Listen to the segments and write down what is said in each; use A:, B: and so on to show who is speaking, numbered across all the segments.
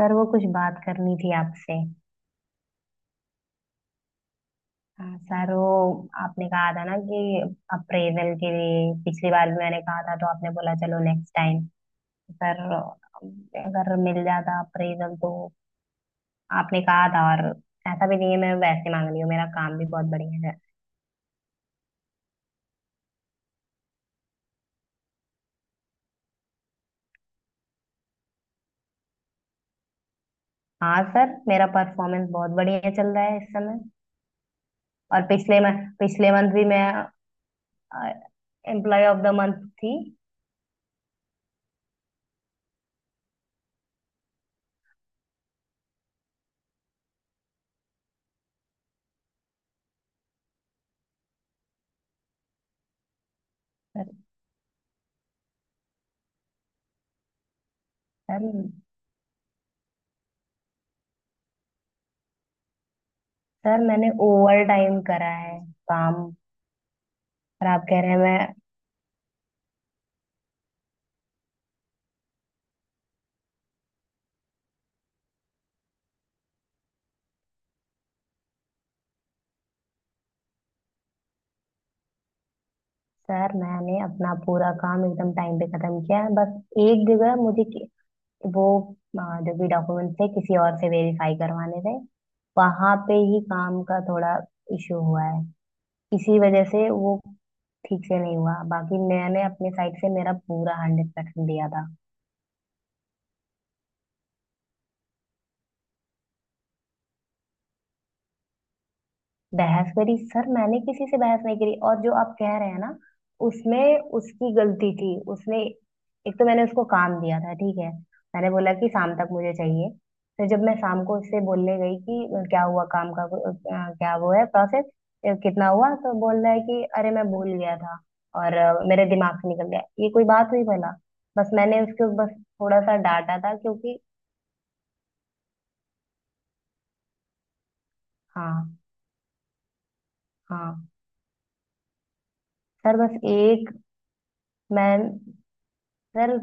A: Sir, वो कुछ बात करनी थी आपसे। हाँ सर, वो आपने कहा था ना कि अप्रेजल के लिए पिछली बार भी मैंने कहा था, तो आपने बोला चलो नेक्स्ट टाइम। सर, अगर मिल जाता अप्रेजल तो। आपने कहा था। और ऐसा भी नहीं है मैं वैसे मांग रही हूँ, मेरा काम भी बहुत बढ़िया है। हाँ सर, मेरा परफॉर्मेंस बहुत बढ़िया चल रहा है इस समय। और पिछले मंथ भी मैं एम्प्लॉय ऑफ द मंथ थी। सर। सर। सर, मैंने ओवर टाइम करा है काम। और आप कह रहे हैं मैं। सर, मैंने अपना पूरा काम एकदम टाइम पे खत्म किया है, बस एक जगह मुझे वो जो भी डॉक्यूमेंट थे किसी और से वेरीफाई करवाने थे, वहां पे ही काम का थोड़ा इशू हुआ है। इसी वजह से वो ठीक से नहीं हुआ, बाकी मैंने अपने साइड से मेरा पूरा 100% दिया था। बहस करी? सर, मैंने किसी से बहस नहीं करी, और जो आप कह रहे हैं ना, उसमें उसकी गलती थी। उसने एक तो मैंने उसको काम दिया था, ठीक है। मैंने बोला कि शाम तक मुझे चाहिए। फिर जब मैं शाम को उससे बोलने गई कि क्या हुआ काम का, क्या वो है प्रोसेस कितना हुआ, तो बोल रहा है कि अरे मैं भूल गया था और मेरे दिमाग से निकल गया। ये कोई बात हुई भला? बस मैंने उसको बस थोड़ा सा डांटा था, क्योंकि हाँ। हाँ सर, बस एक मैं। सर।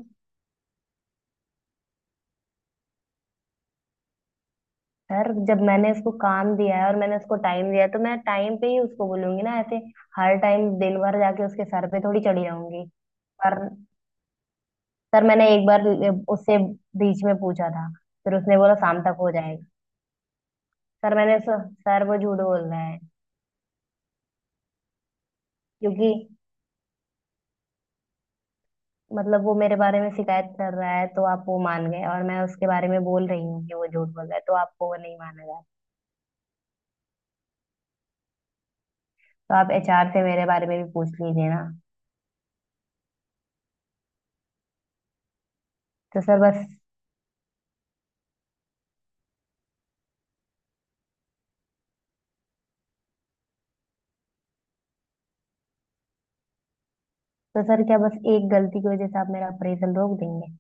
A: सर, जब मैंने उसको काम दिया है और मैंने उसको टाइम दिया है तो मैं टाइम पे ही उसको बोलूंगी ना ऐसे। हर टाइम दिन भर जाके उसके सर पे थोड़ी चढ़ी रहूंगी। पर सर, मैंने एक बार उससे बीच में पूछा था। फिर उसने बोला शाम तक हो जाएगा। सर, मैंने। सर, वो झूठ बोल रहा है। क्योंकि मतलब वो मेरे बारे में शिकायत कर रहा है तो आप वो मान गए, और मैं उसके बारे में बोल रही हूँ कि वो झूठ बोल रहा है तो आपको वो नहीं माना जाए? तो आप एचआर से मेरे बारे में भी पूछ लीजिए ना। तो सर, बस। तो सर क्या, बस एक गलती की वजह से आप मेरा अप्रेजल रोक देंगे?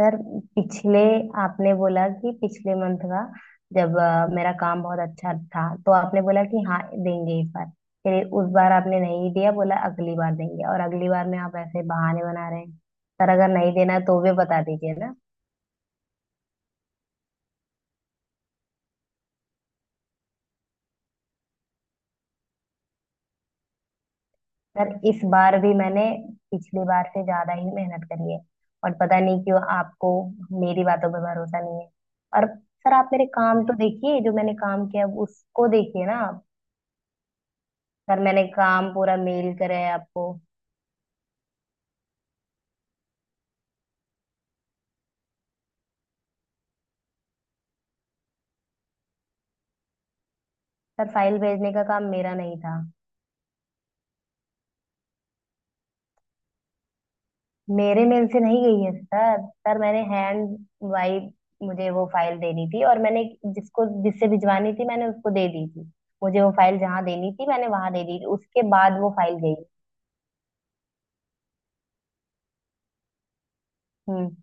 A: सर, पिछले आपने बोला कि पिछले मंथ का, जब मेरा काम बहुत अच्छा था तो आपने बोला कि हाँ देंगे इस बार। फिर उस बार आपने नहीं दिया, बोला अगली बार देंगे, और अगली बार में आप ऐसे बहाने बना रहे हैं। सर, अगर नहीं देना है तो भी बता दीजिए ना। सर, इस बार भी मैंने पिछली बार से ज्यादा ही मेहनत करी है। और पता नहीं क्यों आपको मेरी बातों पर भरोसा नहीं है। और सर, आप मेरे काम तो देखिए, जो मैंने काम किया उसको देखिए ना आप। सर, मैंने काम पूरा मेल करा है आपको। सर, फाइल भेजने का काम मेरा नहीं था। मेरे मेल से नहीं गई है सर। सर, मैंने हैंड वाइज, मुझे वो फाइल देनी थी और मैंने जिसको जिससे भिजवानी थी मैंने उसको दे दी थी। मुझे वो फाइल जहाँ देनी थी मैंने वहां दे दी थी, उसके बाद वो फाइल गई। हम्म।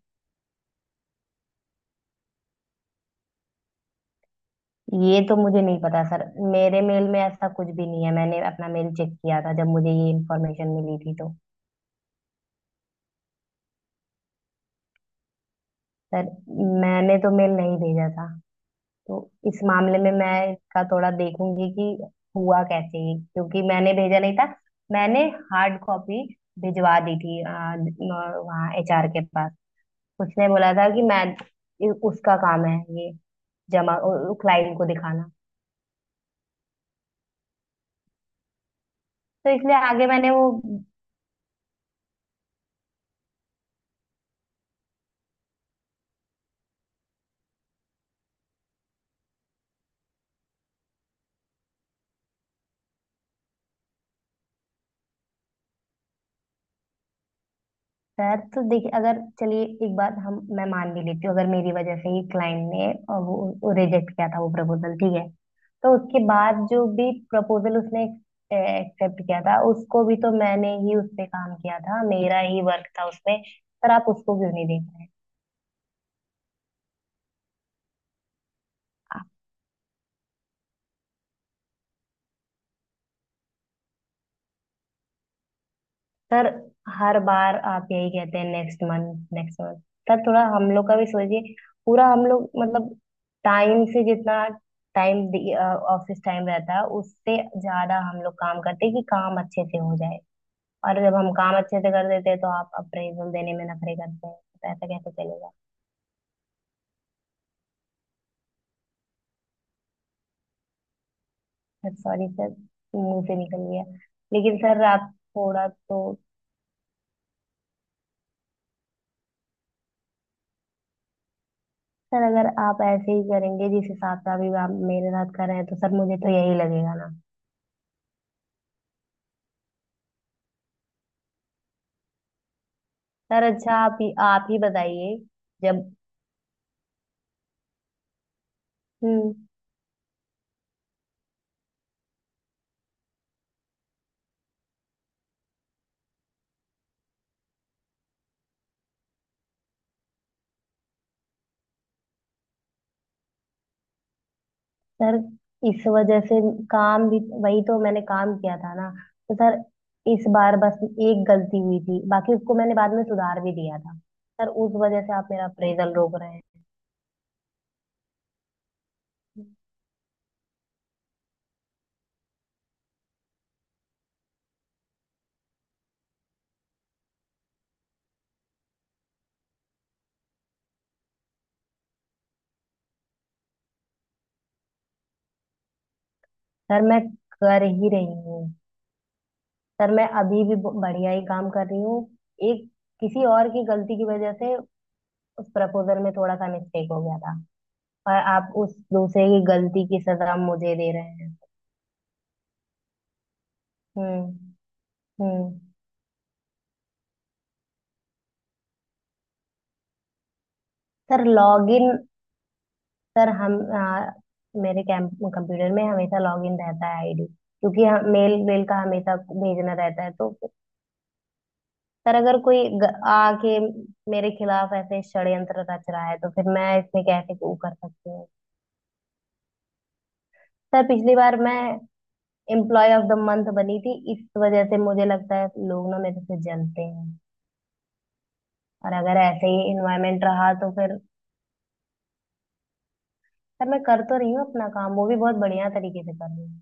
A: ये तो मुझे नहीं पता सर। मेरे मेल में ऐसा कुछ भी नहीं है, मैंने अपना मेल चेक किया था जब मुझे ये इन्फॉर्मेशन मिली थी तो। सर, मैंने तो मेल नहीं भेजा था, तो इस मामले में मैं इसका थोड़ा देखूंगी कि हुआ कैसे ये, क्योंकि मैंने भेजा नहीं था। मैंने हार्ड कॉपी भिजवा दी थी वहाँ एचआर के पास। उसने बोला था कि मैं, ये उसका काम है, ये जमा, क्लाइंट को दिखाना। तो इसलिए आगे मैंने वो सर तो देखिए, अगर चलिए एक बात हम मैं मान भी लेती हूँ, अगर मेरी वजह से ही क्लाइंट ने और वो रिजेक्ट किया था वो प्रपोजल, ठीक है। तो उसके बाद जो भी प्रपोजल उसने एक्सेप्ट किया था, उसको भी तो मैंने ही उस पे काम किया था, मेरा ही वर्क था उसमें। सर, आप उसको क्यों नहीं देख रहे हैं? सर, हर बार आप यही कहते हैं next month, next month. Sir, थोड़ा हम लोग का भी सोचिए। पूरा हम लोग मतलब, टाइम से जितना टाइम ऑफिस टाइम रहता है उससे ज्यादा हम लोग काम करते हैं, कि काम अच्छे से हो जाए। और जब हम काम अच्छे से कर देते हैं तो आप अप्रेजल देने में नखरे करते हैं। तो ऐसा कैसे चलेगा? सर, सॉरी सर, मुंह से निकल गया। लेकिन सर, आप थोड़ा तो। सर, अगर आप ऐसे ही करेंगे जिस हिसाब से अभी आप मेरे साथ कर रहे हैं, तो सर मुझे तो यही लगेगा ना। सर अच्छा, आप ही बताइए। जब हम्म। सर, इस वजह से काम भी वही तो मैंने काम किया था ना। तो सर, इस बार बस एक गलती हुई थी, बाकी उसको मैंने बाद में सुधार भी दिया था। सर, उस वजह से आप मेरा अप्रेजल रोक रहे हैं? सर, मैं कर ही रही हूँ। सर, मैं अभी भी बढ़िया ही काम कर रही हूँ। एक किसी और की गलती की वजह से उस प्रपोजल में थोड़ा सा मिस्टेक हो गया था, और आप उस दूसरे की गलती की सजा मुझे दे रहे हैं। हम्म। हम्म। सर लॉगिन, सर हम मेरे कैंप कंप्यूटर में हमेशा लॉगिन रहता है आईडी, क्योंकि हम मेल, मेल का हमेशा भेजना रहता है तो। सर, अगर कोई आके मेरे खिलाफ ऐसे षड्यंत्र रच रहा है तो फिर मैं इसमें कैसे वो कर सकती हूँ? सर, पिछली बार मैं एम्प्लॉय ऑफ द मंथ बनी थी, इस वजह से मुझे लगता है लोग ना मेरे से जलते हैं। और अगर ऐसे ही इन्वायरमेंट रहा तो फिर सर, मैं कर तो रही हूँ अपना काम, वो भी बहुत बढ़िया तरीके से कर रही हूँ।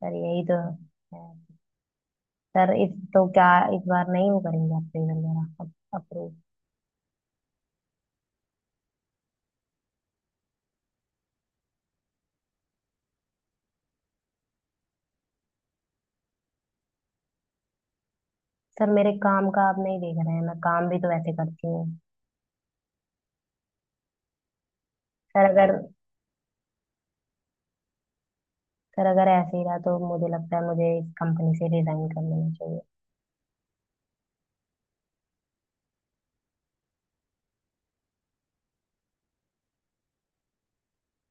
A: सर, यही तो है। सर, इस तो क्या, इस बार नहीं वो करेंगे अप्रेजल मेरा अप्रूव? सर, मेरे काम का आप नहीं देख रहे हैं, मैं काम भी तो ऐसे करती हूँ। सर, अगर, सर अगर ऐसे ही रहा तो मुझे लगता है मुझे इस कंपनी से रिजाइन कर लेना चाहिए।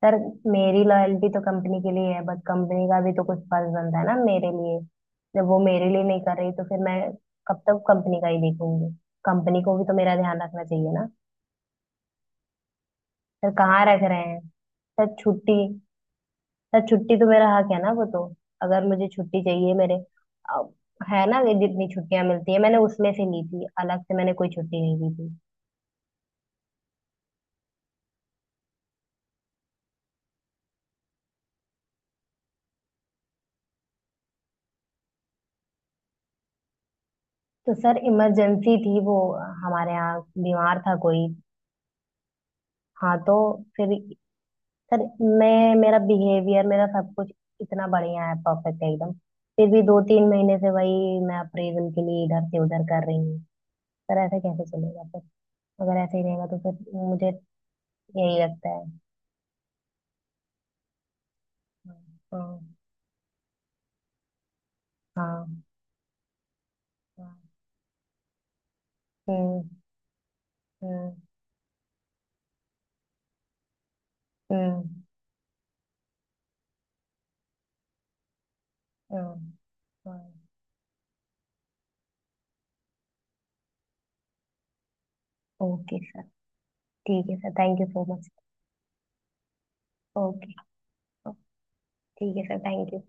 A: सर, मेरी लॉयल्टी तो कंपनी के लिए है, बट कंपनी का भी तो कुछ फर्ज बनता है ना मेरे लिए। जब वो मेरे लिए नहीं कर रही तो फिर मैं कब तक कंपनी का ही देखूंगी? कंपनी को भी तो मेरा ध्यान रखना चाहिए ना। सर, कहाँ रख रहे हैं? सर, छुट्टी, सर छुट्टी तो मेरा हक है ना वो तो। अगर मुझे छुट्टी चाहिए मेरे अब, है ना, ये जितनी छुट्टियां मिलती है मैंने उसमें से ली थी, अलग से मैंने कोई छुट्टी नहीं ली थी। तो सर, इमरजेंसी थी वो हमारे यहाँ, बीमार था कोई। हाँ तो फिर सर, मैं मेरा बिहेवियर मेरा सब कुछ इतना बढ़िया है, परफेक्ट है एकदम। फिर भी 2 3 महीने से वही मैं अप्रेजल के लिए इधर से उधर कर रही हूँ। सर, ऐसा कैसे चलेगा फिर? अगर ऐसे ही रहेगा तो फिर मुझे यही लगता है। हाँ, हाँ, हाँ। हम्म, हम्म, हम्म, हम्म, हाँ, ओके सर। ठीक है sir, thank you so much. Okay. ठीक है सर, थैंक यू।